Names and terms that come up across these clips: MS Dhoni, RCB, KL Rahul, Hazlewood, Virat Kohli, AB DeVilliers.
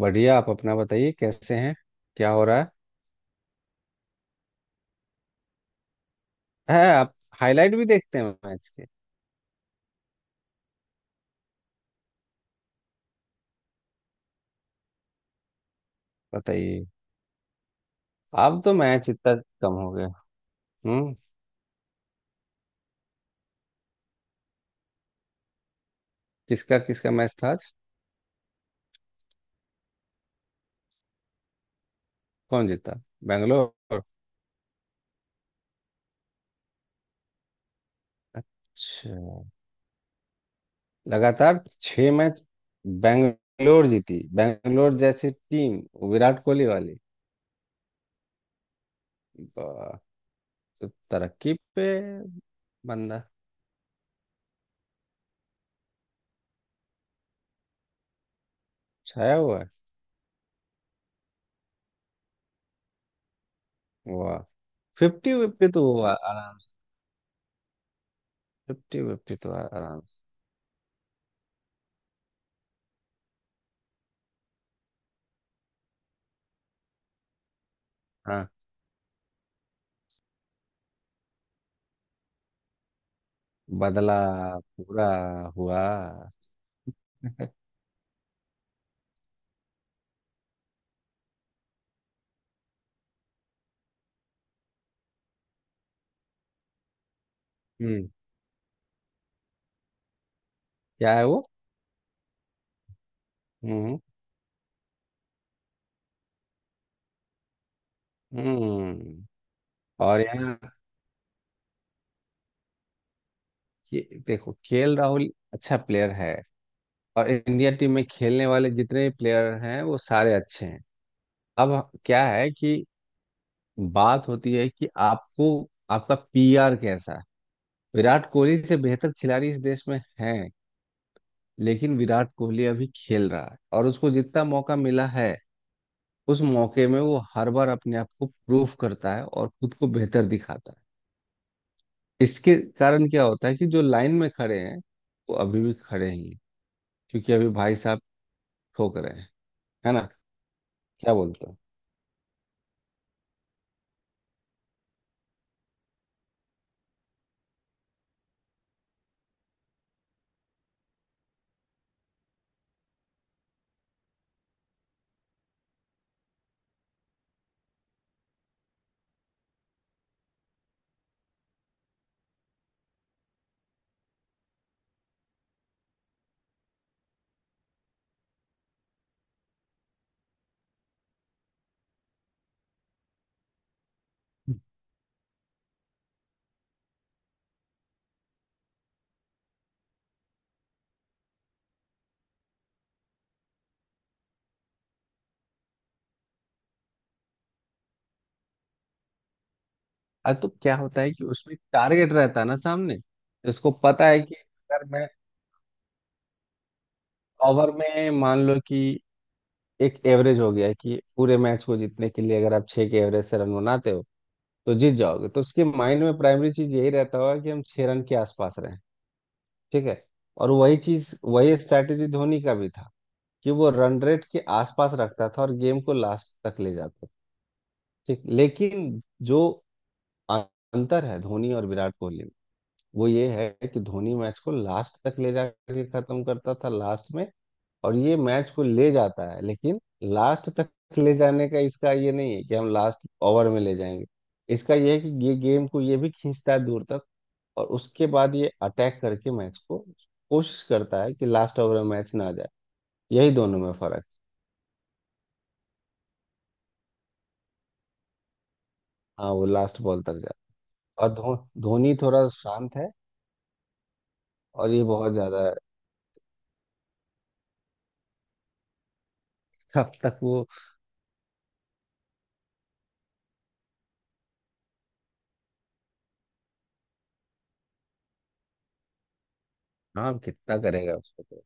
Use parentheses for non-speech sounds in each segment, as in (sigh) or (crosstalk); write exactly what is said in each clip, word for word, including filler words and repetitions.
बढ़िया। आप अपना बताइए कैसे हैं? क्या हो रहा है? है आप हाईलाइट भी देखते हैं मैच के? बताइए। अब तो मैच इतना कम हो गया। हम्म। किसका किसका मैच था आज? कौन जीता? बेंगलोर? अच्छा, लगातार छह मैच, बेंगलोर जीती? बेंगलोर जैसी टीम, विराट कोहली वाली। वाह, तो तरक्की पे बंदा, छाया हुआ है। वाह, फिफ्टी फिफ्टी तो हुआ आराम से। फिफ्टी फिफ्टी तो आ- आराम से। हाँ। बदला पूरा हुआ। हम्म। क्या है वो? हम्म। हम्म। और यहाँ के, देखो, केएल राहुल अच्छा प्लेयर है। और इंडिया टीम में खेलने वाले जितने प्लेयर हैं वो सारे अच्छे हैं। अब क्या है कि बात होती है कि आपको, आपका पीआर कैसा है। विराट कोहली से बेहतर खिलाड़ी इस देश में हैं, लेकिन विराट कोहली अभी खेल रहा है और उसको जितना मौका मिला है, उस मौके में वो हर बार अपने आप को प्रूफ करता है और खुद को बेहतर दिखाता है। इसके कारण क्या होता है कि जो लाइन में खड़े हैं, वो अभी भी खड़े ही हैं। क्योंकि अभी भाई साहब ठोक रहे हैं, है ना? क्या बोलते हो? अरे, तो क्या होता है कि उसमें टारगेट रहता है ना सामने, तो इसको पता है कि अगर मैं ओवर में मान लो कि एक एवरेज हो गया है कि पूरे मैच को जीतने के लिए अगर आप छह के एवरेज से रन बनाते हो तो जीत जाओगे, तो उसके माइंड में प्राइमरी चीज यही रहता होगा कि हम छह रन के आसपास रहे। ठीक है। और वही चीज, वही स्ट्रैटेजी धोनी का भी था कि वो रन रेट के आसपास रखता था और गेम को लास्ट तक ले जाता था। ठीक, लेकिन जो अंतर है धोनी और विराट कोहली में, वो ये है कि धोनी मैच को लास्ट तक ले जाके खत्म करता था लास्ट में। और ये मैच को ले जाता है लेकिन लास्ट तक ले जाने का इसका ये नहीं है कि हम लास्ट ओवर में ले जाएंगे। इसका ये है कि ये गेम को ये भी खींचता है दूर तक, और उसके बाद ये अटैक करके मैच को कोशिश करता है कि लास्ट ओवर में मैच ना जाए। यही दोनों में फर्क है। हाँ, वो लास्ट बॉल तक जाता है। और धो, धोनी थोड़ा शांत है और ये बहुत ज्यादा है। (laughs) अब तक वो। हाँ, कितना करेगा उसको तो।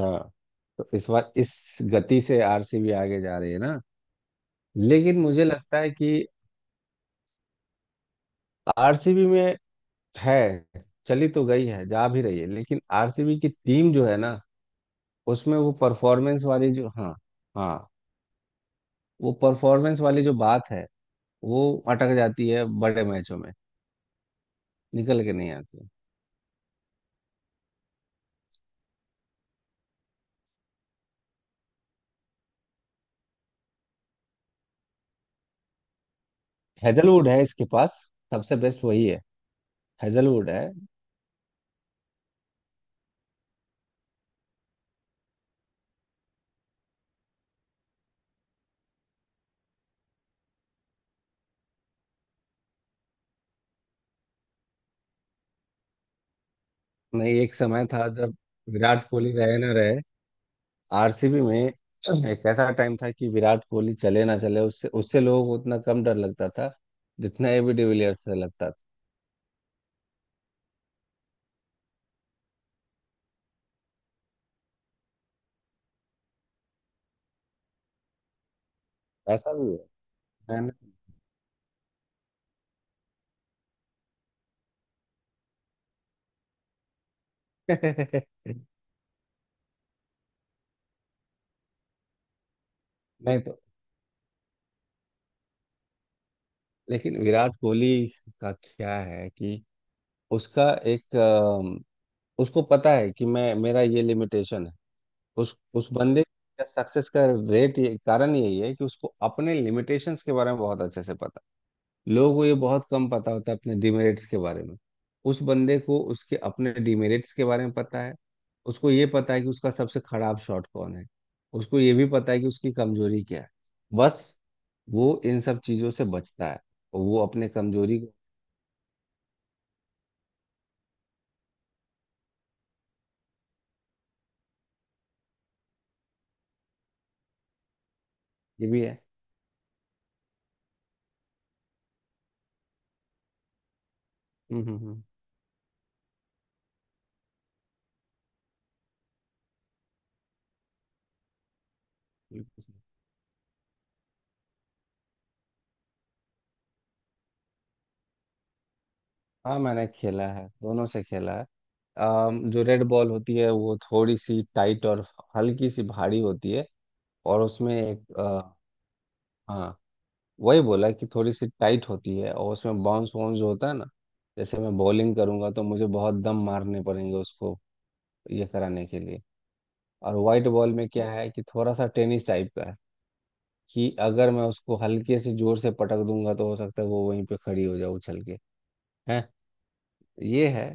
हाँ, तो इस बार इस गति से आरसीबी आगे जा रही है ना। लेकिन मुझे लगता है कि आरसीबी में है, चली तो गई है, जा भी रही है, लेकिन आरसीबी की टीम जो है ना, उसमें वो परफॉर्मेंस वाली जो, हाँ। हाँ, वो परफॉर्मेंस वाली जो बात है, वो अटक जाती है बड़े मैचों में, निकल के नहीं आती। हेजलवुड है इसके पास, सबसे बेस्ट वही है। हेजलवुड है। नहीं, एक समय था जब विराट कोहली रहे ना रहे, आरसीबी में एक ऐसा टाइम था कि विराट कोहली चले ना चले उससे उससे लोगों को उतना कम डर लगता था जितना एबी डिविलियर्स से लगता था। ऐसा भी है है ना? (laughs) नहीं तो। लेकिन विराट कोहली का क्या है कि उसका एक, उसको पता है कि मैं, मेरा ये लिमिटेशन है। उस उस बंदे का सक्सेस का रेट, ये कारण यही है कि उसको अपने लिमिटेशंस के बारे में बहुत अच्छे से पता है। लोगों को ये बहुत कम पता होता है अपने डिमेरिट्स के बारे में। उस बंदे को उसके अपने डिमेरिट्स के बारे में पता है। उसको ये पता है कि उसका सबसे खराब शॉट कौन है। उसको ये भी पता है कि उसकी कमजोरी क्या है। बस, वो इन सब चीजों से बचता है और वो अपने कमजोरी को, ये भी है। हम्म। हम्म। हम्म। बिल्कुल। हाँ, मैंने खेला है, दोनों से खेला है। अम, जो रेड बॉल होती है वो थोड़ी सी टाइट और हल्की सी भारी होती है, और उसमें एक अ, हाँ, वही बोला कि थोड़ी सी टाइट होती है, और उसमें बाउंस वाउंस जो होता है ना, जैसे मैं बॉलिंग करूंगा तो मुझे बहुत दम मारने पड़ेंगे उसको ये कराने के लिए। और वाइट बॉल में क्या है कि थोड़ा सा टेनिस टाइप का है कि अगर मैं उसको हल्के से जोर से पटक दूंगा तो हो सकता है वो वहीं पे खड़ी हो जाए उछल के, है, ये है।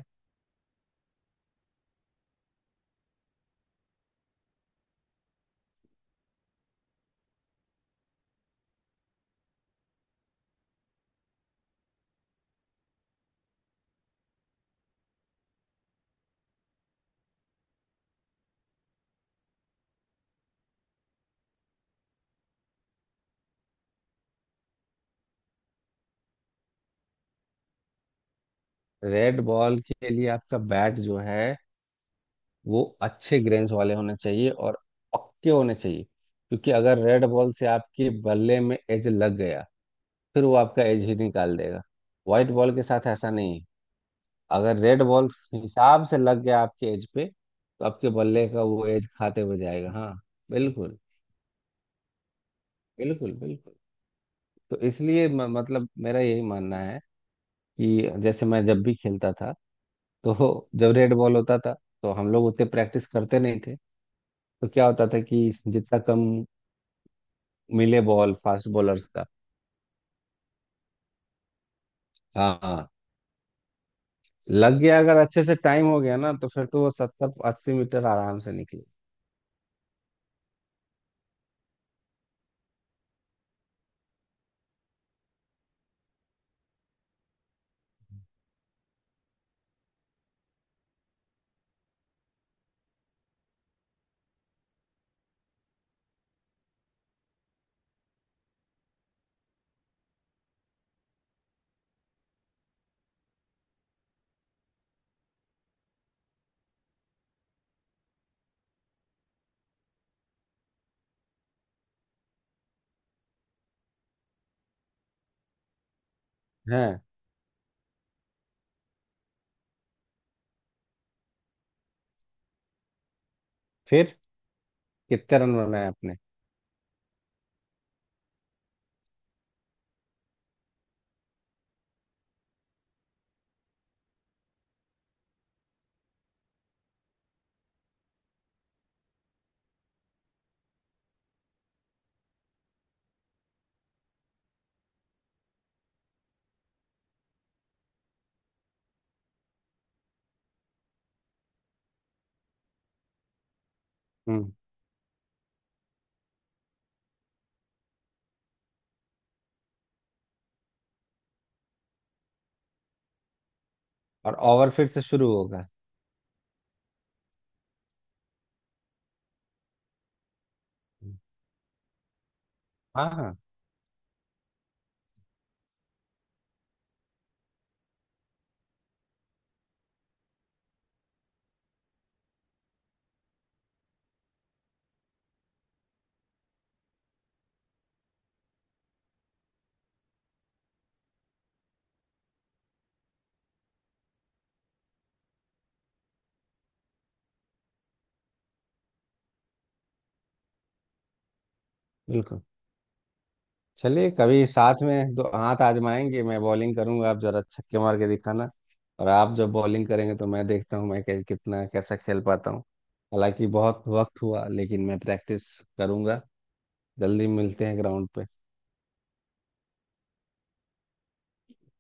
रेड बॉल के लिए आपका बैट जो है, वो अच्छे ग्रेन्स वाले होने चाहिए और पक्के होने चाहिए, क्योंकि अगर रेड बॉल से आपके बल्ले में एज लग गया, फिर वो आपका एज ही निकाल देगा। व्हाइट बॉल के साथ ऐसा नहीं है। अगर रेड बॉल हिसाब से लग गया आपके एज पे तो आपके बल्ले का वो एज खाते हुए जाएगा। हाँ, बिल्कुल बिल्कुल बिल्कुल। तो इसलिए म, मतलब मेरा यही मानना है कि जैसे मैं जब भी खेलता था, तो जब रेड बॉल होता था तो हम लोग उतने प्रैक्टिस करते नहीं थे। तो क्या होता था कि जितना कम मिले बॉल फास्ट बॉलर्स का, हाँ हाँ, लग गया अगर अच्छे से टाइम हो गया ना, तो फिर तो वो सत्तर अस्सी मीटर आराम से निकले। हैं? फिर कितने रन बनाए आपने? हम्म। और ओवर फिर से शुरू होगा? हाँ हाँ बिल्कुल। चलिए, कभी साथ में दो हाथ आजमाएंगे, मैं बॉलिंग करूंगा आप जरा छक्के मार के दिखाना। और आप जब बॉलिंग करेंगे तो मैं देखता हूँ मैं कै- कितना कैसा खेल पाता हूँ। हालांकि बहुत वक्त हुआ, लेकिन मैं प्रैक्टिस करूंगा। जल्दी मिलते हैं ग्राउंड पे।